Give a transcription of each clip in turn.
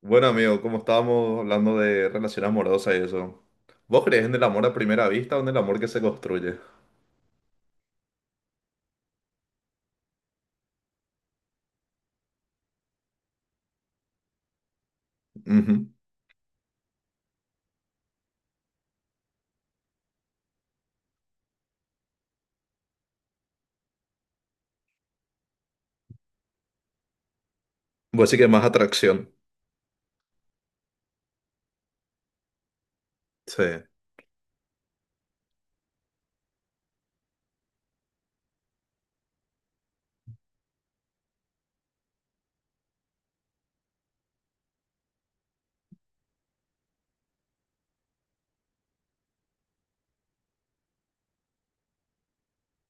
Bueno, amigo, como estábamos hablando de relación amorosa y eso, ¿vos crees en el amor a primera vista o en el amor que se construye? Ujú. Vos sí que más atracción. Sí,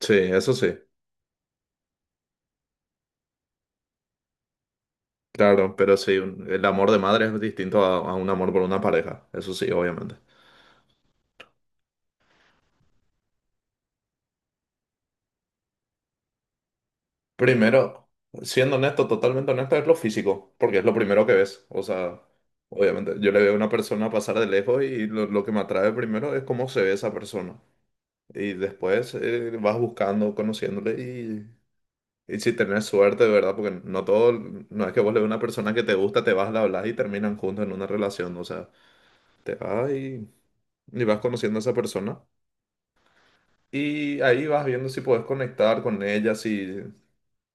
sí, eso sí, claro, pero sí, el amor de madre es distinto a un amor por una pareja, eso sí, obviamente. Primero, siendo honesto, totalmente honesto, es lo físico, porque es lo primero que ves. O sea, obviamente, yo le veo a una persona pasar de lejos y lo que me atrae primero es cómo se ve esa persona. Y después vas buscando, conociéndole. Y si tenés suerte, de verdad, porque no todo, no es que vos le veas a una persona que te gusta, te vas, la hablas y terminan juntos en una relación. O sea, te vas y vas conociendo a esa persona. Y ahí vas viendo si puedes conectar con ella, si,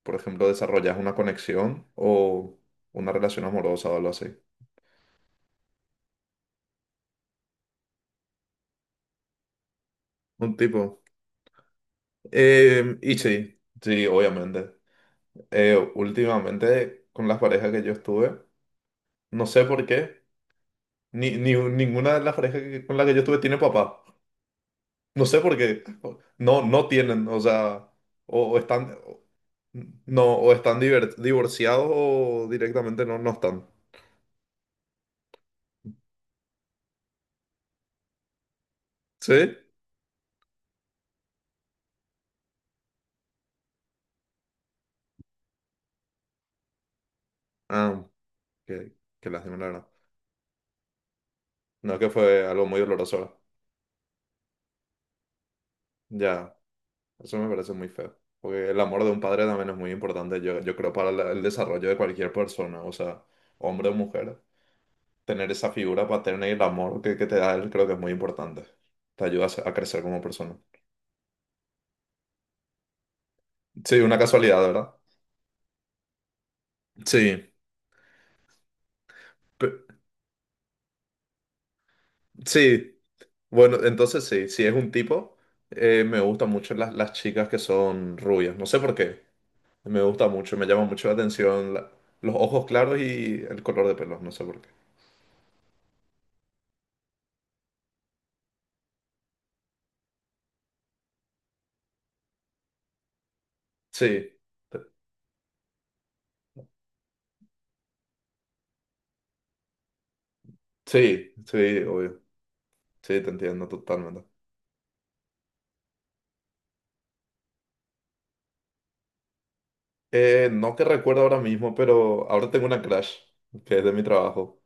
por ejemplo, desarrollas una conexión o una relación amorosa o algo así. Un tipo. Y sí, sí, obviamente. Últimamente, con las parejas que yo estuve, no sé por qué, ni ninguna de las parejas con las que yo estuve tiene papá. No sé por qué. No, no tienen, o sea, o, o están, o- no, o están divorciados o directamente no, no están. ¿Sí? Ah, qué, qué lástima, la verdad. No, que fue algo muy doloroso. Ahora. Ya, eso me parece muy feo. Porque el amor de un padre también es muy importante, yo creo, para el desarrollo de cualquier persona, o sea, hombre o mujer. Tener esa figura paterna y el amor que te da él creo que es muy importante. Te ayuda a, a crecer como persona. Sí, una casualidad, ¿verdad? Sí. Sí, bueno, entonces sí, si es un tipo, me gustan mucho las chicas que son rubias, no sé por qué, me gusta mucho, me llama mucho la atención los ojos claros y el color de pelo, no sé por qué. Sí, sí, sí, obvio, sí, te entiendo totalmente. No te recuerdo ahora mismo, pero ahora tengo una crush, que es de mi trabajo,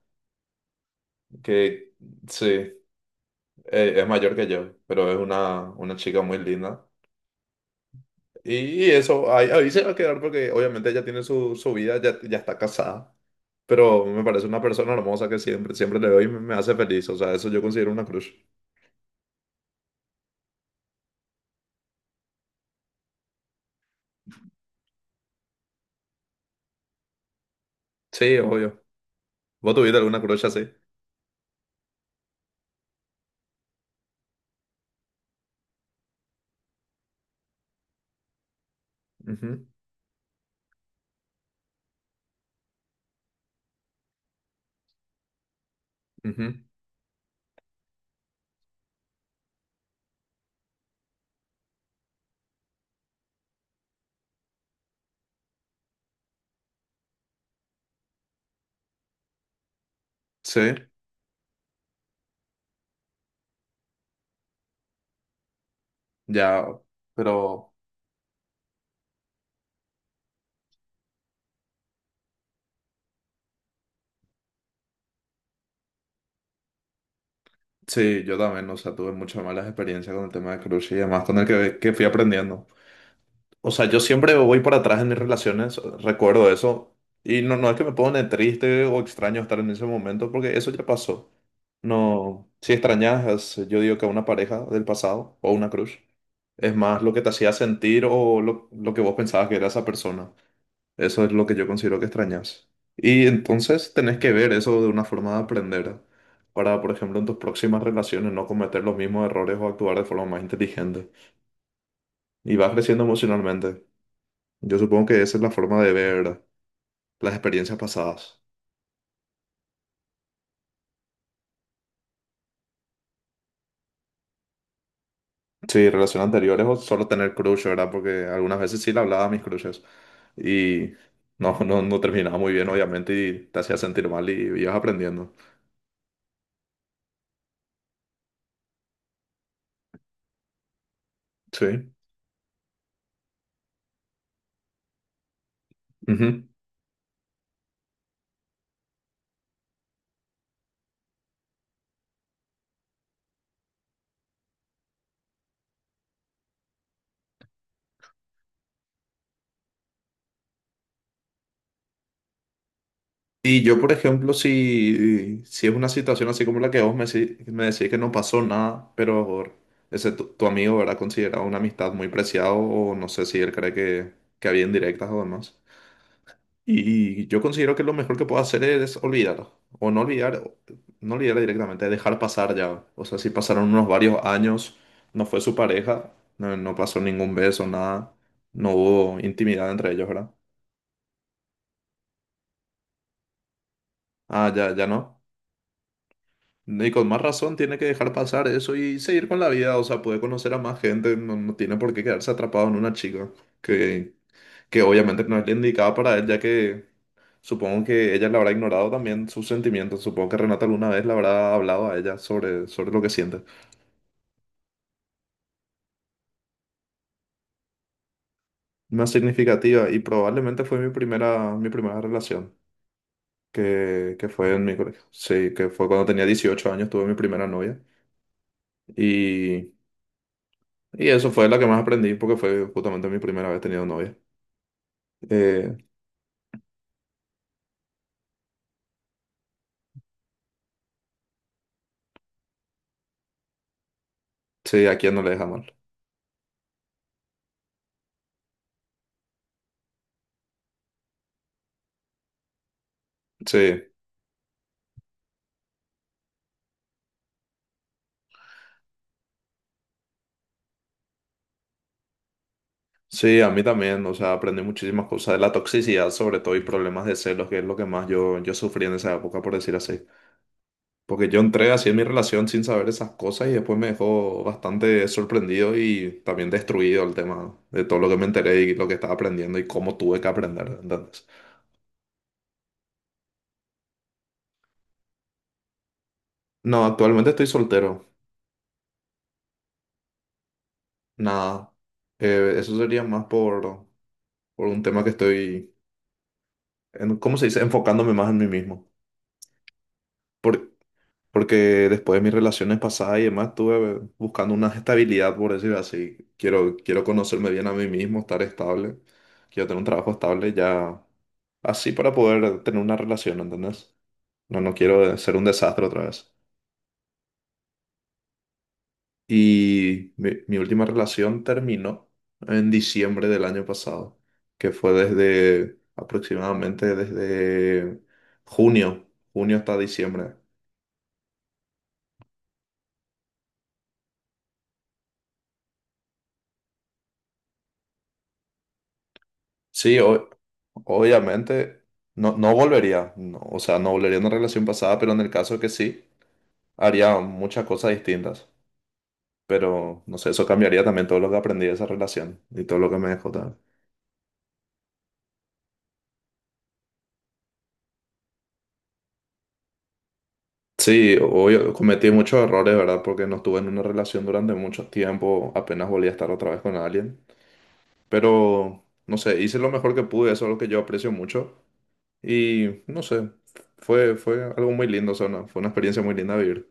que sí, es mayor que yo, pero es una chica muy linda. Y eso, ahí se va a quedar porque obviamente ella tiene su vida, ya está casada, pero me parece una persona hermosa que siempre, siempre le veo y me hace feliz, o sea, eso yo considero una crush. Sí, obvio. ¿Vos tuviste alguna crush así? Ujú, ujú. Sí, ya, pero sí, yo también, o sea, tuve muchas malas experiencias con el tema de crush y demás, con el que fui aprendiendo. O sea, yo siempre voy para atrás en mis relaciones, recuerdo eso, y no, no es que me pone triste o extraño estar en ese momento, porque eso ya pasó. No, si extrañas, yo digo que a una pareja del pasado o una crush, es más lo que te hacía sentir o lo que vos pensabas que era esa persona. Eso es lo que yo considero que extrañas. Y entonces tenés que ver eso de una forma de aprender para, por ejemplo, en tus próximas relaciones no cometer los mismos errores o actuar de forma más inteligente. Y vas creciendo emocionalmente. Yo supongo que esa es la forma de ver las experiencias pasadas. Sí, relaciones anteriores o solo tener crush, ¿verdad? Porque algunas veces sí le hablaba a mis crushes y no, no, no terminaba muy bien, obviamente, y te hacía sentir mal y ibas aprendiendo. Sí. Ujú. Y yo, por ejemplo, si es una situación así como la que vos me, me decís que no pasó nada, pero ese tu amigo, ¿verdad? Considerado una amistad muy preciada o no sé si él cree que había indirectas o demás. Y yo considero que lo mejor que puedo hacer es olvidar, o no olvidar, no olvidar directamente, dejar pasar ya. O sea, si pasaron unos varios años, no fue su pareja, no, no pasó ningún beso, nada, no hubo intimidad entre ellos, ¿verdad? Ah, ya, ya no. Y con más razón tiene que dejar pasar eso y seguir con la vida, o sea, puede conocer a más gente, no, no tiene por qué quedarse atrapado en una chica, que, que obviamente no es la indicada para él, ya que supongo que ella le habrá ignorado también sus sentimientos. Supongo que Renata alguna vez le habrá hablado a ella sobre lo que siente. Más significativa y probablemente fue mi primera relación, que fue en mi colegio. Sí, que fue cuando tenía 18 años, tuve mi primera novia. Y, y eso fue la que más aprendí porque fue justamente mi primera vez teniendo novia. Eh, sí, a quién no le deja mal. Sí, sí, a mí también. O sea, aprendí muchísimas cosas de la toxicidad, sobre todo, y problemas de celos, que es lo que más yo sufrí en esa época, por decir así. Porque yo entré así en mi relación sin saber esas cosas y después me dejó bastante sorprendido y también destruido el tema de todo lo que me enteré y lo que estaba aprendiendo y cómo tuve que aprender. Entonces, no, actualmente estoy soltero. Nada. Eso sería más por un tema que estoy, en, ¿cómo se dice? Enfocándome más en mí mismo. Por- Porque después de mis relaciones pasadas y demás, estuve buscando una estabilidad, por decir así. Quiero, quiero conocerme bien a mí mismo, estar estable. Quiero tener un trabajo estable ya así para poder tener una relación, ¿entendés? No, no quiero ser un desastre otra vez. Y mi última relación terminó en diciembre del año pasado, que fue desde aproximadamente desde junio, junio hasta diciembre. Sí, obviamente no, no volvería, no, o sea, no volvería a una relación pasada, pero en el caso que sí, haría muchas cosas distintas. Pero, no sé, eso cambiaría también todo lo que aprendí de esa relación y todo lo que me dejó también. Sí, obvio, cometí muchos errores, ¿verdad? Porque no estuve en una relación durante mucho tiempo, apenas volví a estar otra vez con alguien. Pero, no sé, hice lo mejor que pude, eso es lo que yo aprecio mucho. Y, no sé, fue algo muy lindo, o sea, fue una experiencia muy linda vivir.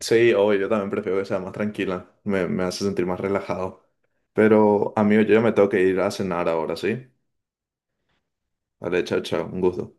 Sí, obvio, yo también prefiero que sea más tranquila, me hace sentir más relajado. Pero, amigo, yo ya me tengo que ir a cenar ahora, ¿sí? Vale, chao, chao, un gusto.